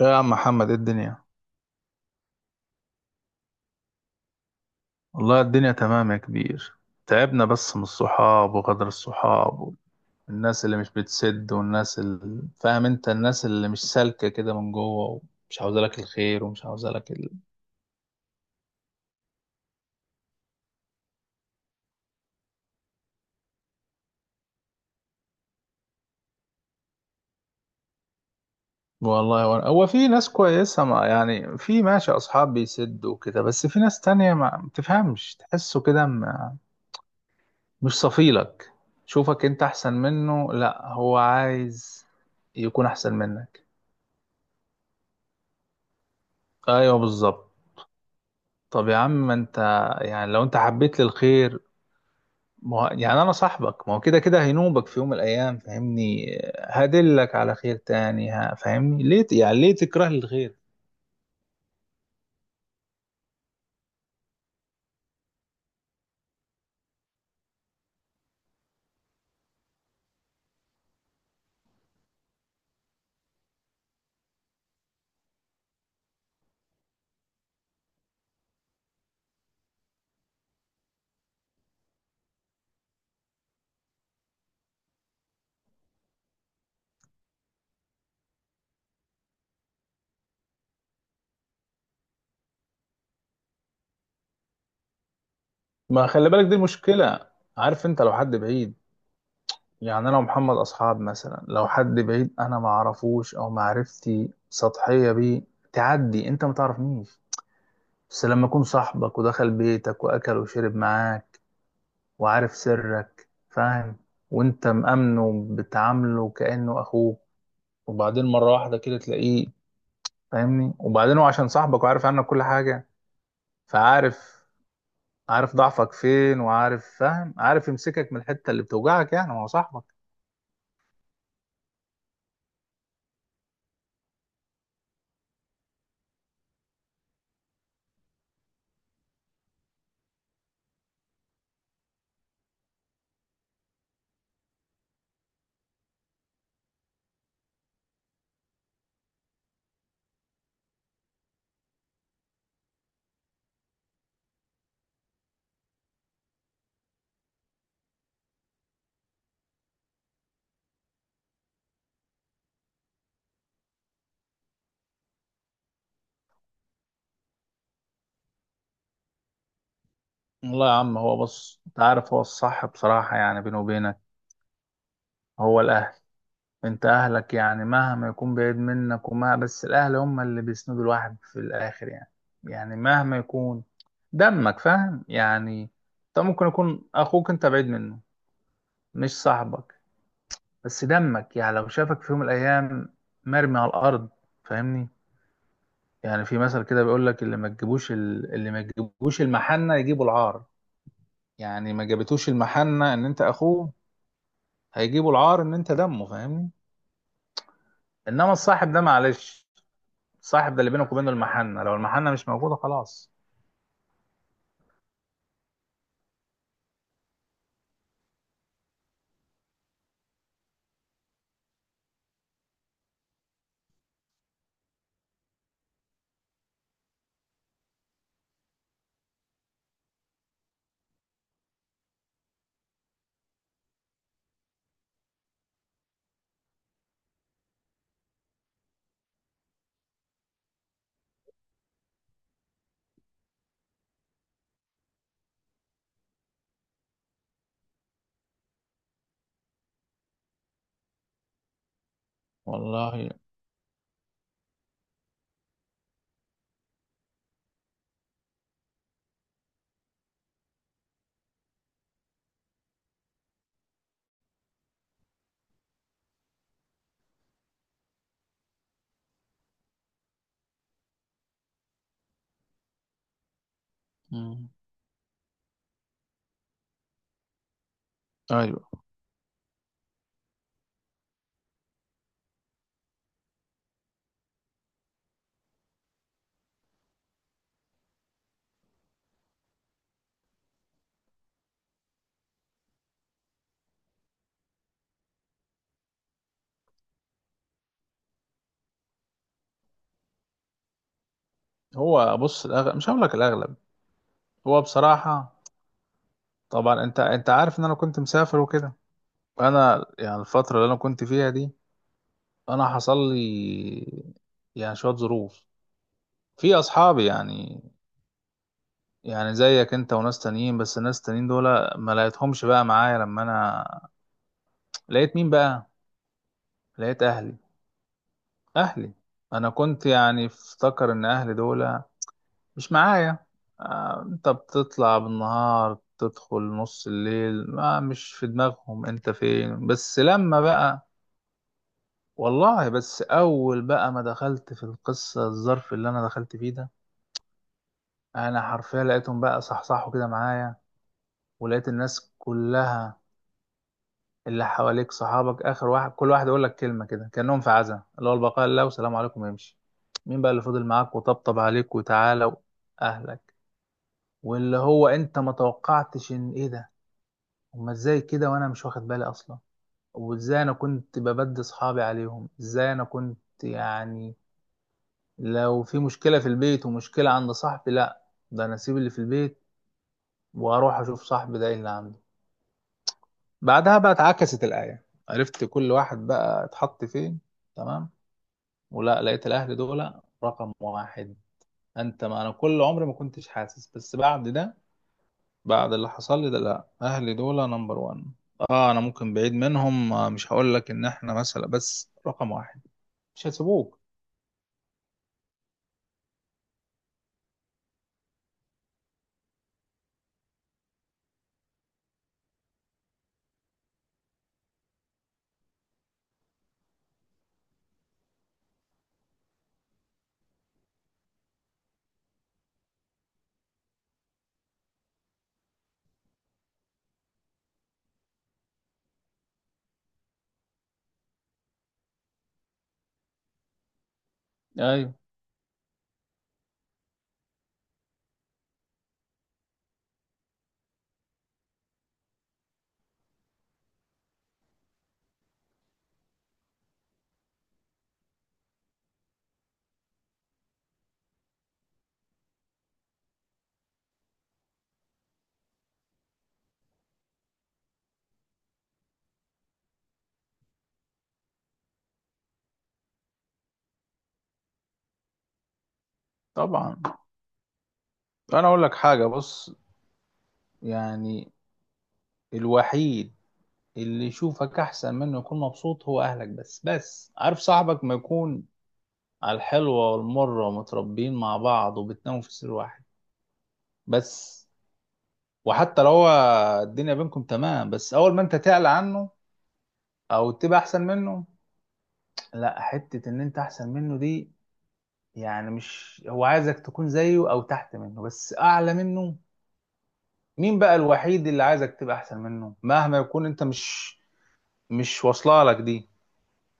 يا عم محمد، ايه الدنيا؟ والله الدنيا تمام يا كبير. تعبنا بس من الصحاب وغدر الصحاب، والناس اللي مش بتسد، والناس اللي فاهم انت الناس اللي مش سالكة كده من جوه، ومش عاوزة لك الخير ومش عاوزة لك والله هو في ناس كويسة، ما يعني في ماشي اصحاب بيسدوا كده، بس في ناس تانية ما بتفهمش تحسه كده مش صفيلك، شوفك انت احسن منه، لا هو عايز يكون احسن منك. ايوه بالظبط. طب يا عم ما انت، يعني لو انت حبيت لي الخير ما هو يعني انا صاحبك، ما هو كده كده هينوبك في يوم من الايام، فاهمني؟ هدلك على خير تاني، ها فاهمني؟ ليه يعني ليه تكره لي الخير؟ ما خلي بالك دي المشكلة. عارف انت لو حد بعيد، يعني انا ومحمد اصحاب، مثلا لو حد بعيد انا ما اعرفوش او معرفتي سطحية بيه، تعدي انت ما تعرفنيش. بس لما اكون صاحبك ودخل بيتك واكل وشرب معاك وعارف سرك، فاهم؟ وانت مأمنه بتعامله كأنه اخوك، وبعدين مرة واحدة كده تلاقيه، فاهمني؟ وبعدين هو عشان صاحبك وعارف عنك كل حاجة، فعارف، عارف ضعفك فين، وعارف، فاهم، عارف يمسكك من الحتة اللي بتوجعك، يعني ما هو صاحبك. والله يا عم، هو بص، انت عارف هو الصح، بصراحة يعني بيني وبينك، هو الأهل. انت اهلك يعني مهما يكون بعيد منك وما بس، الاهل هم اللي بيسندوا الواحد في الاخر يعني. يعني مهما يكون دمك، فاهم يعني؟ طب ممكن يكون اخوك انت بعيد منه، مش صاحبك، بس دمك يعني لو شافك في يوم من الايام مرمي على الارض، فاهمني؟ يعني في مثل كده بيقول لك اللي ما تجيبوش اللي ما تجيبوش المحنة يجيبوا العار. يعني ما جابتوش المحنة ان انت اخوه، هيجيبوا العار ان انت دمه، فاهمني؟ انما الصاحب ده معلش، صاحب ده اللي بينك وبينه المحنة، لو المحنة مش موجودة خلاص. والله. مم. ايوه. هو بص، الأغلب، مش هقول لك الأغلب، هو بصراحة. طبعا أنت عارف إن أنا كنت مسافر وكده. أنا يعني الفترة اللي أنا كنت فيها دي، أنا حصل لي يعني شوية ظروف في أصحابي يعني، يعني زيك أنت وناس تانيين، بس الناس التانيين دول ما لقيتهمش بقى معايا. لما أنا لقيت مين بقى؟ لقيت أهلي. أهلي. أنا كنت يعني افتكر إن أهلي دول مش معايا. آه، انت بتطلع بالنهار، تدخل نص الليل، ما مش في دماغهم انت فين، بس لما بقى والله. بس اول بقى ما دخلت في القصة، الظرف اللي انا دخلت فيه ده، انا حرفيا لقيتهم بقى صحصحوا كده معايا، ولقيت الناس كلها اللي حواليك صحابك اخر واحد، كل واحد يقول لك كلمة كده كأنهم في عزا، اللي هو البقاء لله والسلام عليكم، يمشي. مين بقى اللي فضل معاك وطبطب عليك وتعالى؟ اهلك. واللي هو انت ما توقعتش ان ايه ده، هما ازاي كده وانا مش واخد بالي اصلا، وازاي انا كنت ببدي اصحابي عليهم، ازاي انا كنت يعني لو في مشكلة في البيت ومشكلة عند صاحبي، لا ده انا اسيب اللي في البيت واروح اشوف صاحبي ده إيه اللي عنده. بعدها بقى اتعكست الآية، عرفت كل واحد بقى اتحط فين، تمام. ولا لقيت الاهل دول رقم واحد. انت ما انا كل عمري ما كنتش حاسس، بس بعد ده، بعد اللي حصل لي ده، لا اهلي دول نمبر وان. اه انا ممكن بعيد منهم، آه، مش هقول لك ان احنا مثلا، بس رقم واحد. مش هيسيبوك. ايوه طبعا. انا اقول لك حاجه، بص يعني الوحيد اللي يشوفك احسن منه يكون مبسوط هو اهلك، بس عارف صاحبك ما يكون على الحلوه والمره ومتربيين مع بعض وبتناموا في سرير واحد بس، وحتى لو هو الدنيا بينكم تمام، بس اول ما انت تعلى عنه او تبقى احسن منه، لا حتة ان انت احسن منه دي، يعني مش هو عايزك تكون زيه او تحت منه، بس اعلى منه. مين بقى الوحيد اللي عايزك تبقى احسن منه مهما يكون انت؟ مش واصله لك دي،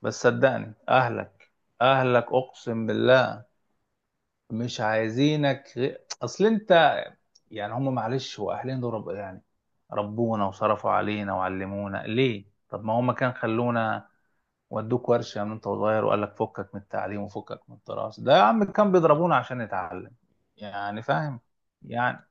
بس صدقني اهلك. اهلك اقسم بالله مش عايزينك غير اصل انت. يعني هم معلش هو اهلنا دول رب يعني، ربونا وصرفوا علينا وعلمونا. ليه؟ طب ما هم كان خلونا ودوك ورشة من انت وصغير وقال لك فكك من التعليم وفكك من الدراسة، ده يا عم كان بيضربونا عشان نتعلم. يعني فاهم يعني.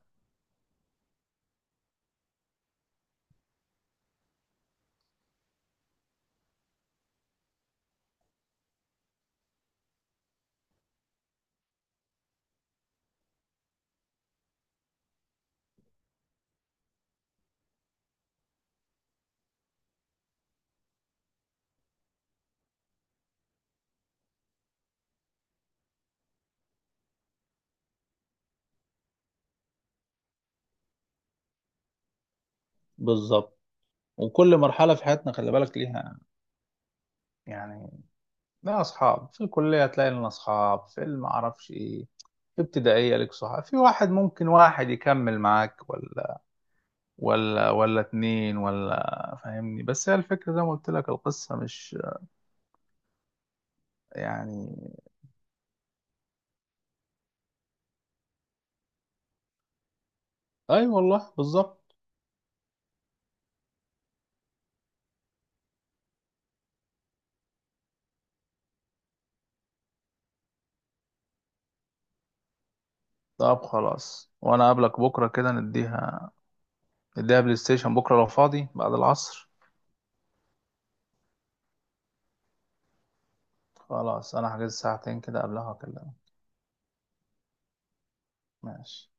بالظبط. وكل مرحلة في حياتنا خلي بالك ليها. يعني ليها أصحاب في الكلية، تلاقي لنا أصحاب في المعرفش إيه، في ابتدائية لك صحاب، في واحد ممكن واحد يكمل معاك، ولا ولا اتنين، ولا فاهمني. بس هي الفكرة زي ما قلت لك، القصة مش يعني. أي والله بالظبط. طب خلاص وأنا أقابلك بكرة كده نديها، اديها بلاي ستيشن بكرة لو فاضي بعد العصر. خلاص أنا هحجز ساعتين كده قبلها وأكلمك. ماشي.